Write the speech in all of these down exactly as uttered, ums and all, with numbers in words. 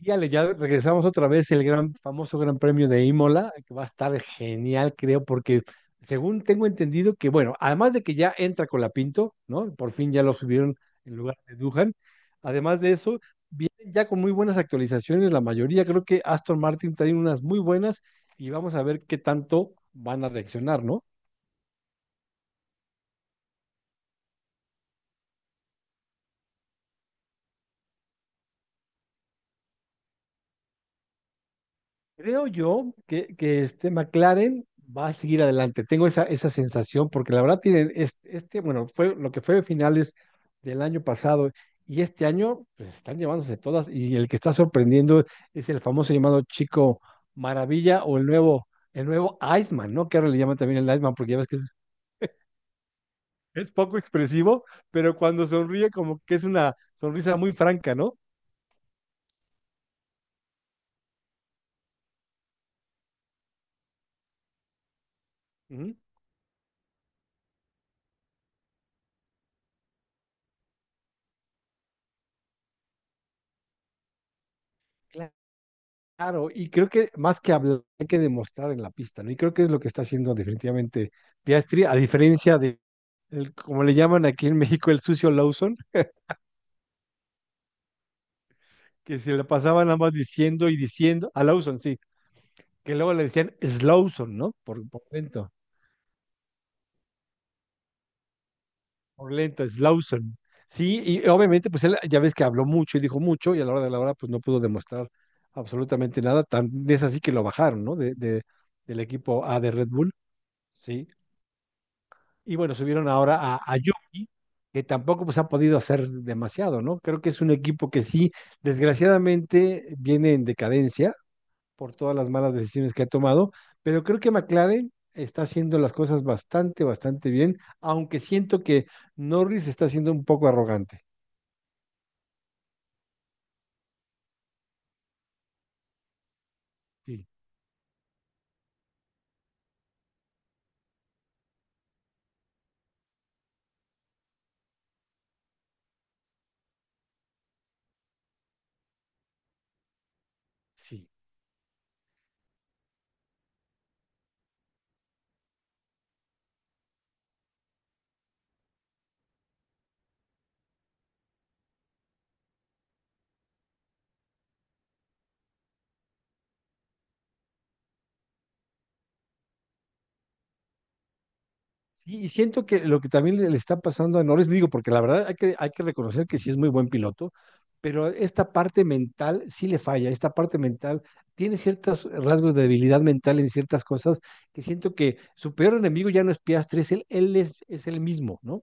Y Ale, ya regresamos otra vez el gran famoso Gran Premio de Imola, que va a estar genial, creo, porque según tengo entendido que, bueno, además de que ya entra Colapinto, ¿no? Por fin ya lo subieron en lugar de Duhan. Además de eso, vienen ya con muy buenas actualizaciones, la mayoría. Creo que Aston Martin trae unas muy buenas y vamos a ver qué tanto van a reaccionar, ¿no? Creo yo que, que este McLaren va a seguir adelante. Tengo esa, esa sensación porque la verdad tienen este, este, bueno, fue lo que fue finales del año pasado y este año pues están llevándose todas, y el que está sorprendiendo es el famoso llamado Chico Maravilla o el nuevo, el nuevo Iceman, ¿no? Que ahora le llaman también el Iceman porque ya ves que es, es poco expresivo, pero cuando sonríe como que es una sonrisa muy franca, ¿no? Ujú. Claro, y creo que más que hablar, hay que demostrar en la pista, ¿no? Y creo que es lo que está haciendo definitivamente Piastri, a diferencia de, el- como le llaman aquí en México, el sucio Lawson, que se le pasaban nada más diciendo y diciendo, a Lawson, sí, que luego le decían Slawson, ¿no? Por, por lento, por lento, Slawson. Sí, y obviamente, pues él ya ves que habló mucho y dijo mucho, y a la hora de la hora, pues no pudo demostrar absolutamente nada, tan es así que lo bajaron, ¿no? De, de- del equipo A de Red Bull, sí. Y bueno, subieron ahora a, a Yuki, que tampoco pues, han podido hacer demasiado, ¿no? Creo que es un equipo que sí, desgraciadamente, viene en decadencia por todas las malas decisiones que ha tomado, pero creo que McLaren está haciendo las cosas bastante, bastante bien, aunque siento que Norris está siendo un poco arrogante. Sí, sí. Sí, y siento que lo que también le le está pasando a Norris, digo, porque la verdad hay que, hay que reconocer que sí es muy buen piloto, pero esta parte mental sí le falla, esta parte mental tiene ciertos rasgos de debilidad mental en ciertas cosas que siento que su peor enemigo ya no es Piastri, es él, él es, es él mismo, ¿no?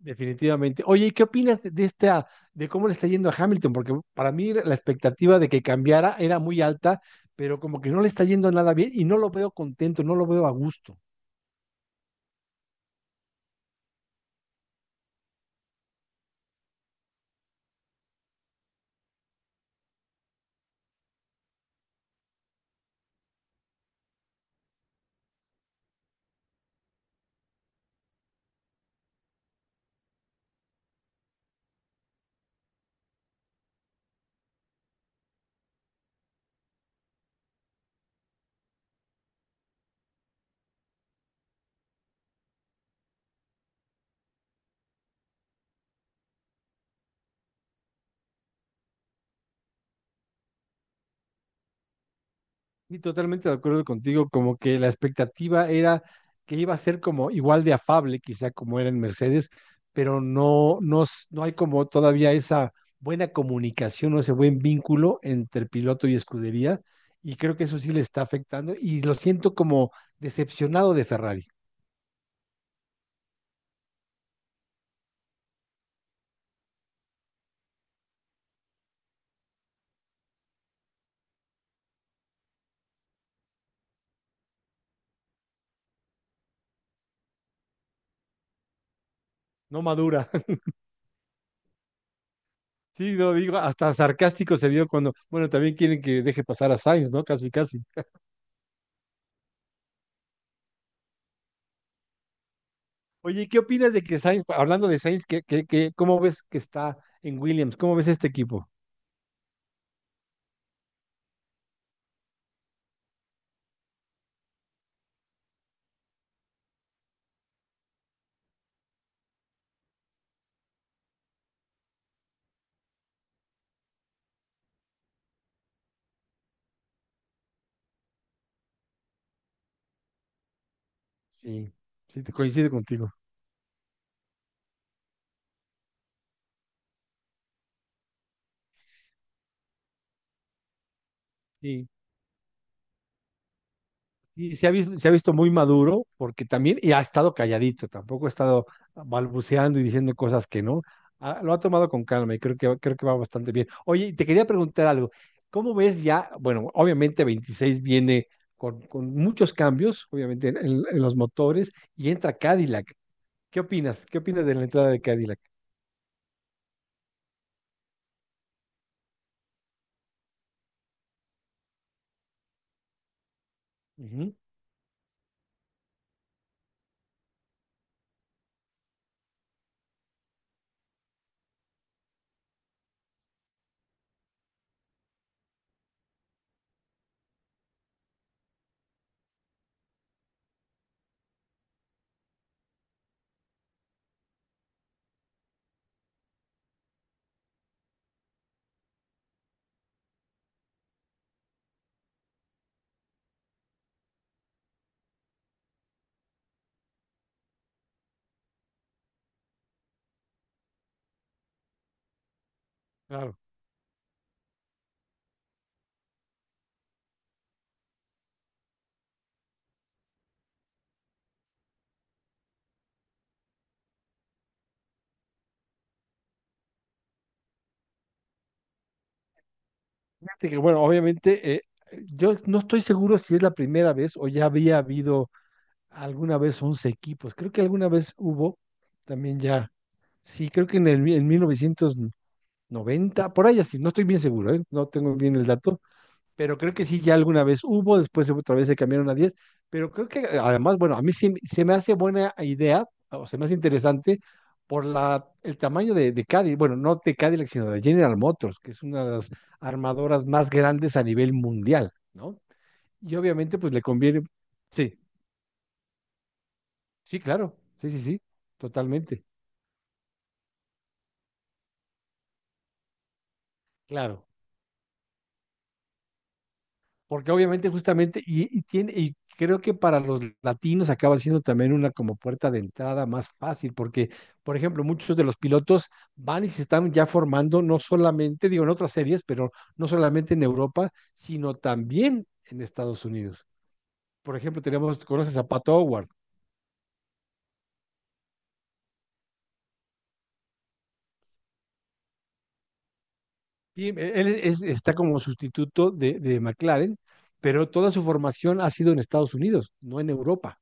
Definitivamente. Oye, ¿y qué opinas de, de esta, de cómo le está yendo a Hamilton? Porque para mí la expectativa de que cambiara era muy alta, pero como que no le está yendo nada bien y no lo veo contento, no lo veo a gusto. Y totalmente de acuerdo contigo, como que la expectativa era que iba a ser como igual de afable, quizá como era en Mercedes, pero no, no, s- no hay como todavía esa buena comunicación o ese buen vínculo entre piloto y escudería, y creo que eso sí le está afectando, y lo siento como decepcionado de Ferrari, no madura. Sí, no digo, hasta sarcástico se vio cuando, bueno, también quieren que deje pasar a Sainz, ¿no? Casi, casi. Oye, ¿qué opinas de que Sainz, hablando de Sainz, ¿qué, qué- qué- cómo ves que está en Williams? ¿Cómo ves este equipo? Sí, sí, te coincido contigo. Sí, y se ha visto, se ha visto muy maduro porque también y ha estado calladito, tampoco ha estado balbuceando y diciendo cosas que no. Ah, lo ha tomado con calma y creo que, creo que va bastante bien. Oye, y te quería preguntar algo. ¿Cómo ves ya? Bueno, obviamente veintiséis viene con, con muchos cambios, obviamente en, en- en los motores, y entra Cadillac. ¿Qué opinas? ¿Qué opinas de la entrada de Cadillac? Ujú. Claro. Fíjate que, bueno, obviamente, eh, yo no estoy seguro si es la primera vez o ya había habido alguna vez once equipos. Creo que alguna vez hubo también ya. Sí, creo que en el mi- en mil novecientos noventa por ahí así, no estoy bien seguro, ¿eh? No tengo bien el dato, pero creo que sí, ya alguna vez hubo, después otra vez se cambiaron a diez, pero creo que además, bueno, a mí sí se me hace buena idea, o se me hace interesante por la, el tamaño de, de Cadillac, bueno, no de Cadillac, sino de General Motors, que es una de las armadoras más grandes a nivel mundial, ¿no? Y obviamente, pues le conviene, sí, sí, claro, sí, sí, sí, totalmente, claro. Porque obviamente justamente, y, y tiene, y creo que para los latinos acaba siendo también una como puerta de entrada más fácil, porque, por ejemplo, muchos de los pilotos van y se están ya formando, no solamente, digo, en otras series, pero no solamente en Europa, sino también en Estados Unidos. Por ejemplo, tenemos, conoces a Pato Howard, y él es- está como sustituto de, de McLaren, pero toda su formación ha sido en Estados Unidos, no en Europa.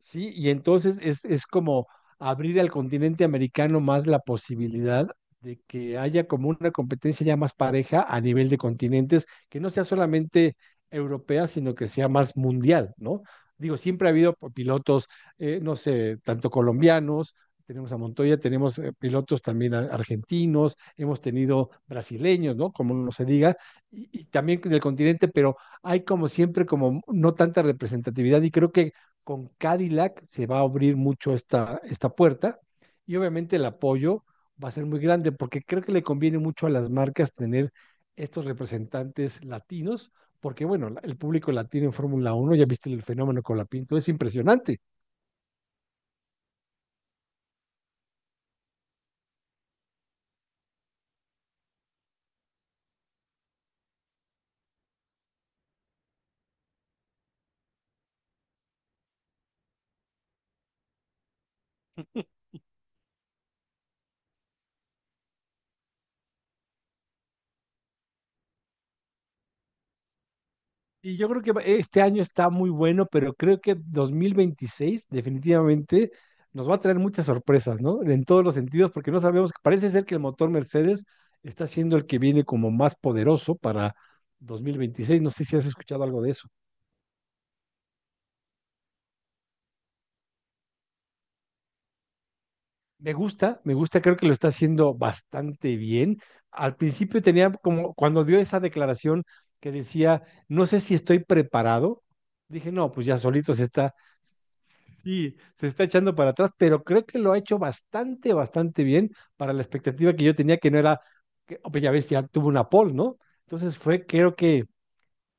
Sí, y entonces es, es como abrir al continente americano más la posibilidad de que haya como una competencia ya más pareja a nivel de continentes, que no sea solamente europea, sino que sea más mundial, ¿no? Digo, siempre ha habido po- pilotos, eh, no sé, tanto colombianos, tenemos a Montoya, tenemos eh, pilotos también a- argentinos, hemos tenido brasileños, ¿no? Como no se diga, y y también del continente, pero hay como siempre como no tanta representatividad, y creo que con Cadillac se va a abrir mucho esta, esta puerta y obviamente el apoyo va a ser muy grande porque creo que le conviene mucho a las marcas tener estos representantes latinos, porque bueno, el público latino en Fórmula Uno, ya viste el fenómeno con la Pinto, es impresionante. Y yo creo que va- este año está muy bueno, pero creo que dos mil veintiséis definitivamente nos va a traer muchas sorpresas, ¿no? En todos los sentidos, porque no sabemos, parece ser que el motor Mercedes está siendo el que viene como más poderoso para dos mil veintiséis. No sé si has escuchado algo de eso. Me gusta, me gusta, creo que lo está haciendo bastante bien. Al principio tenía como, cuando dio esa declaración que decía, no sé si estoy preparado, dije, no, pues ya solito se está. Sí, se está echando para atrás, pero creo que lo ha hecho bastante, bastante bien para la expectativa que yo tenía, que no era, que, oh, pues ya ves, ya tuvo una pole, ¿no? Entonces fue, creo que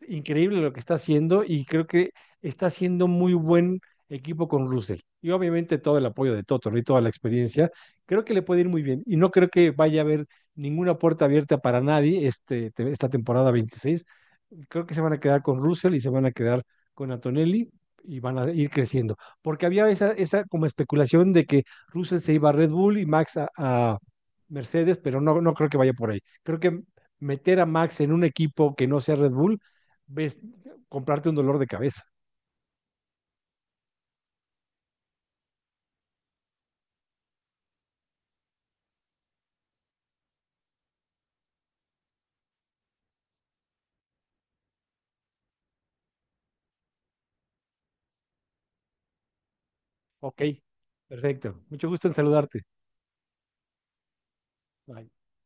increíble lo que está haciendo, y creo que está haciendo muy buen equipo con Russell. Y obviamente todo el apoyo de Toto, ¿no? Y toda la experiencia, creo que le puede ir muy bien. Y no creo que vaya a haber ninguna puerta abierta para nadie este, te- esta temporada veintiséis, creo que se van a quedar con Russell y se van a quedar con Antonelli y van a ir creciendo. Porque había esa, esa como especulación de que Russell se iba a Red Bull y Max a, a Mercedes, pero no, no creo que vaya por ahí. Creo que meter a Max en un equipo que no sea Red Bull, ves, comprarte un dolor de cabeza. Ok, perfecto. Mucho gusto en saludarte. Bye.